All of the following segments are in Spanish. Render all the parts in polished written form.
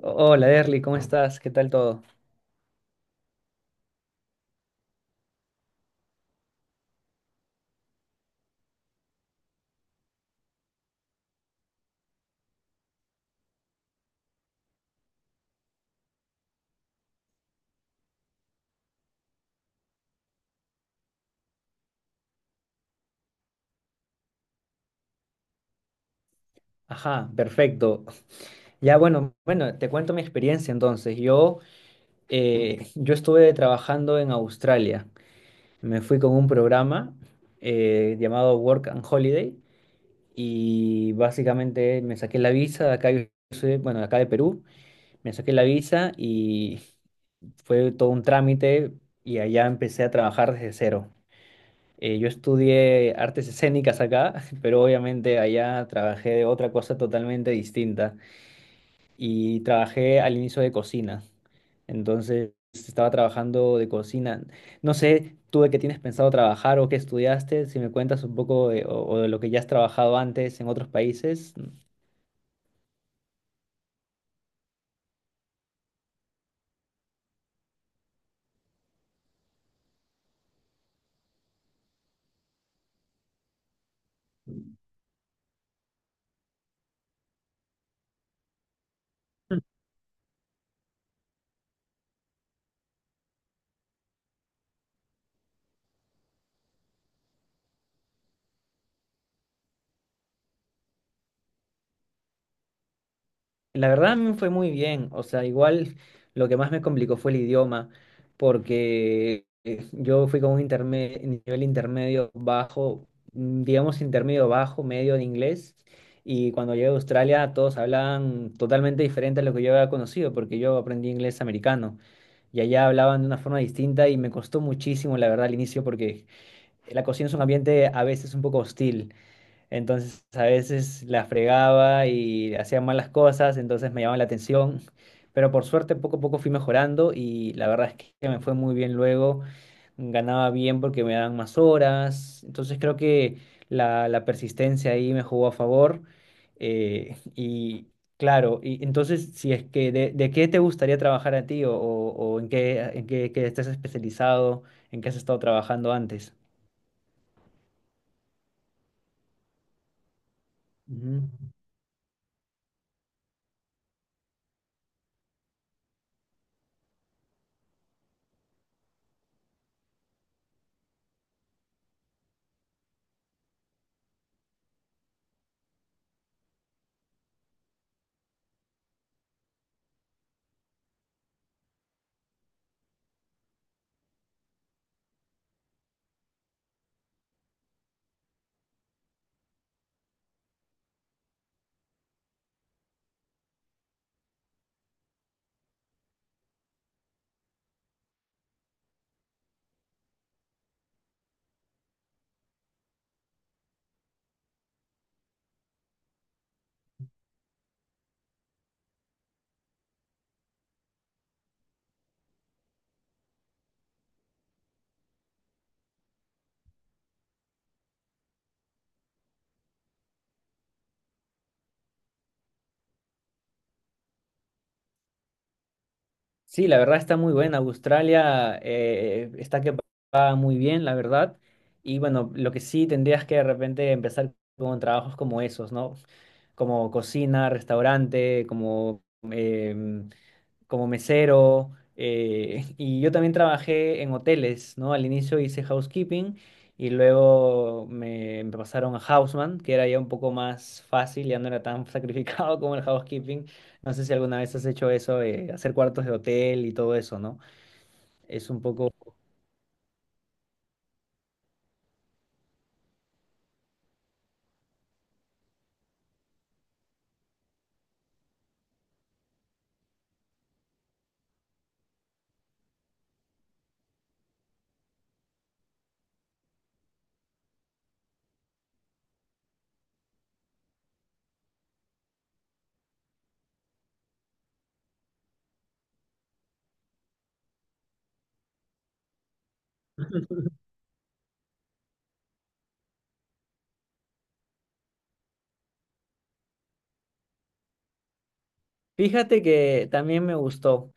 Hola, Derly, ¿cómo estás? ¿Qué tal todo? Ajá, perfecto. Ya, bueno, te cuento mi experiencia entonces. Yo estuve trabajando en Australia. Me fui con un programa llamado Work and Holiday y básicamente me saqué la visa de acá, yo bueno, de acá de Perú. Me saqué la visa y fue todo un trámite y allá empecé a trabajar desde cero. Yo estudié artes escénicas acá, pero obviamente allá trabajé de otra cosa totalmente distinta y trabajé al inicio de cocina. Entonces estaba trabajando de cocina. No sé, tú de qué tienes pensado trabajar o qué estudiaste, si me cuentas un poco o, de lo que ya has trabajado antes en otros países. La verdad me fue muy bien, o sea, igual lo que más me complicó fue el idioma, porque yo fui con un nivel intermedio bajo, digamos intermedio bajo, medio de inglés, y cuando llegué a Australia todos hablaban totalmente diferente a lo que yo había conocido, porque yo aprendí inglés americano, y allá hablaban de una forma distinta y me costó muchísimo, la verdad, al inicio, porque la cocina es un ambiente a veces un poco hostil. Entonces a veces la fregaba y hacía malas cosas, entonces me llamaba la atención. Pero por suerte poco a poco fui mejorando y la verdad es que me fue muy bien luego. Ganaba bien porque me daban más horas. Entonces creo que la persistencia ahí me jugó a favor. Eh, y claro, y entonces si es que de qué te gustaría trabajar a ti o en qué, qué estás especializado, en qué has estado trabajando antes. Ujú. Sí, la verdad está muy buena. Australia está que va muy bien, la verdad. Y bueno, lo que sí tendrías que de repente empezar con trabajos como esos, ¿no? Como cocina, restaurante, em, como mesero, y yo también trabajé en hoteles, ¿no? Al inicio hice housekeeping y luego me pasaron a houseman, que era ya un poco más fácil, ya no era tan sacrificado como el housekeeping. No sé si alguna vez has hecho eso, hacer cuartos de hotel y todo eso, ¿no? Es un poco... Fíjate que también me gustó.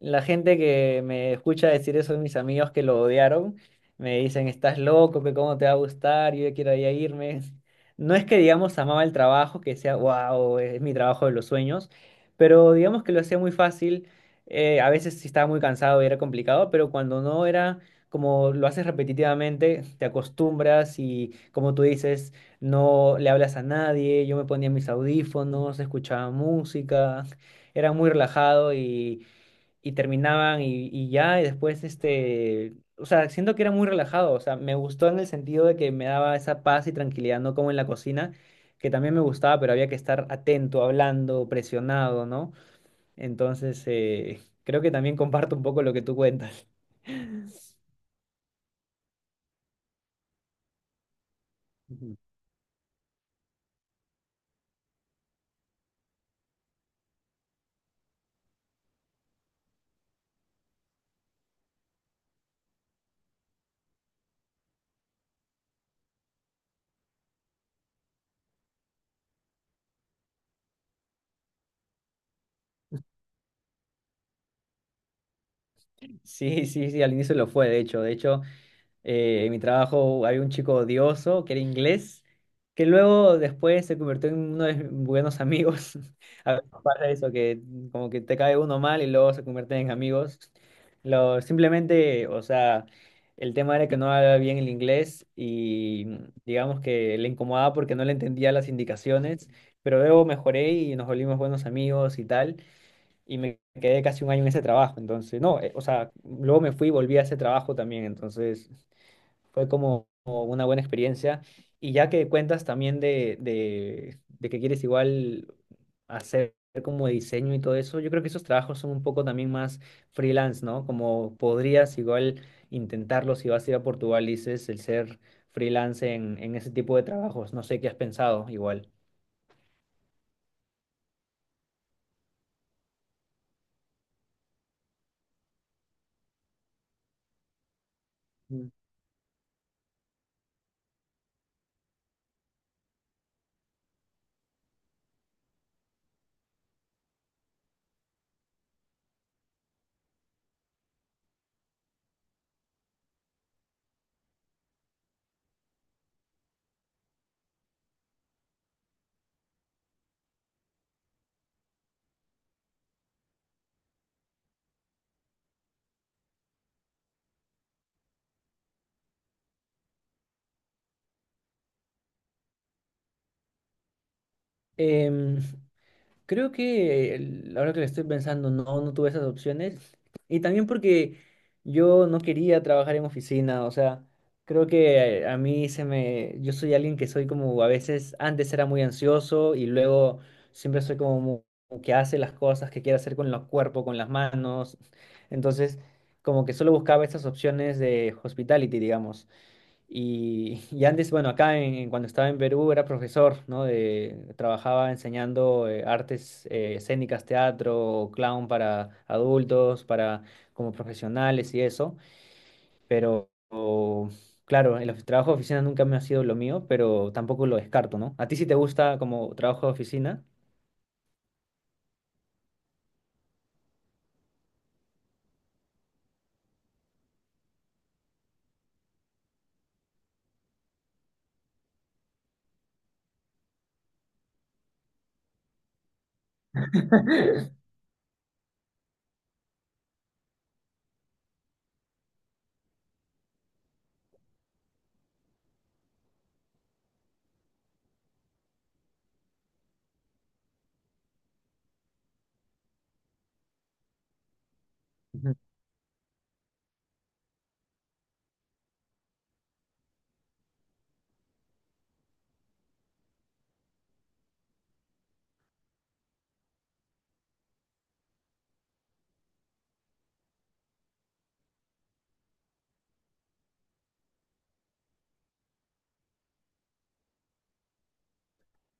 La gente que me escucha decir eso, mis amigos que lo odiaron, me dicen, estás loco, que cómo te va a gustar, yo ya quiero ya irme. No es que, digamos, amaba el trabajo, que sea, wow, es mi trabajo de los sueños, pero digamos que lo hacía muy fácil. A veces sí estaba muy cansado y era complicado, pero cuando no era como lo haces repetitivamente, te acostumbras y, como tú dices, no le hablas a nadie. Yo me ponía mis audífonos, escuchaba música, era muy relajado y terminaban y ya, y después, este, o sea, siento que era muy relajado, o sea, me gustó en el sentido de que me daba esa paz y tranquilidad, no como en la cocina, que también me gustaba, pero había que estar atento, hablando, presionado, ¿no? Entonces, creo que también comparto un poco lo que tú cuentas. Ujú. Sí, sí, sí, al inicio lo fue, de hecho, de hecho. En mi trabajo había un chico odioso que era inglés, que luego después se convirtió en uno de mis buenos amigos. A veces pasa eso, que como que te cae uno mal y luego se convierten en amigos. Lo, simplemente, o sea, el tema era que no hablaba bien el inglés y digamos que le incomodaba porque no le entendía las indicaciones, pero luego mejoré y nos volvimos buenos amigos y tal, y me quedé casi un año en ese trabajo. Entonces, no, o sea, luego me fui y volví a ese trabajo también, entonces... Fue como una buena experiencia. Y ya que cuentas también de que quieres igual hacer como diseño y todo eso, yo creo que esos trabajos son un poco también más freelance, ¿no? Como podrías igual intentarlo si vas a ir a Portugal, dices, el ser freelance en ese tipo de trabajos. No sé qué has pensado igual. Mm. Em, Creo que ahora que lo estoy pensando, no tuve esas opciones. Y también porque yo no quería trabajar en oficina, o sea, creo que a mí se me... Yo soy alguien que soy como a veces, antes era muy ansioso y luego siempre soy como que hace las cosas que quiere hacer con los cuerpos, con las manos. Entonces, como que solo buscaba esas opciones de hospitality, digamos. Y, y antes, bueno, acá cuando estaba en Perú era profesor, ¿no? De, trabajaba enseñando artes escénicas, teatro, clown para adultos, para como profesionales y eso. Pero claro, el trabajo de oficina nunca me ha sido lo mío, pero tampoco lo descarto, ¿no? ¿A ti sí te gusta como trabajo de oficina?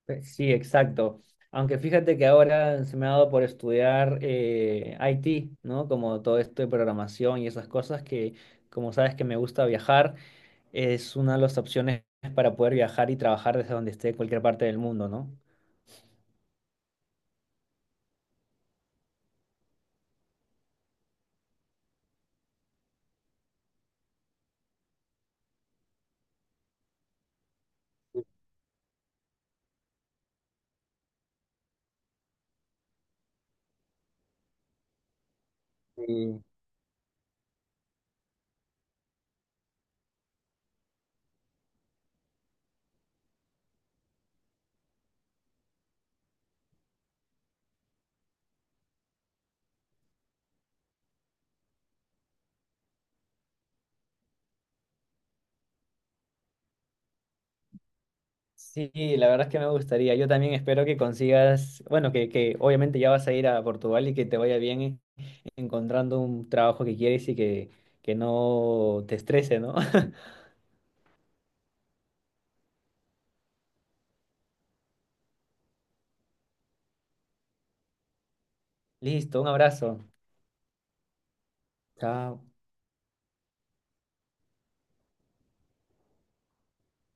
Sí, exacto. Aunque fíjate que ahora se me ha dado por estudiar IT, ¿no? Como todo esto de programación y esas cosas que, como sabes que me gusta viajar, es una de las opciones para poder viajar y trabajar desde donde esté, cualquier parte del mundo, ¿no? Y Sí, la verdad es que me gustaría. Yo también espero que consigas, bueno, que obviamente ya vas a ir a Portugal y que te vaya bien encontrando un trabajo que quieres y que no te estrese, ¿no? Listo, un abrazo. Chao.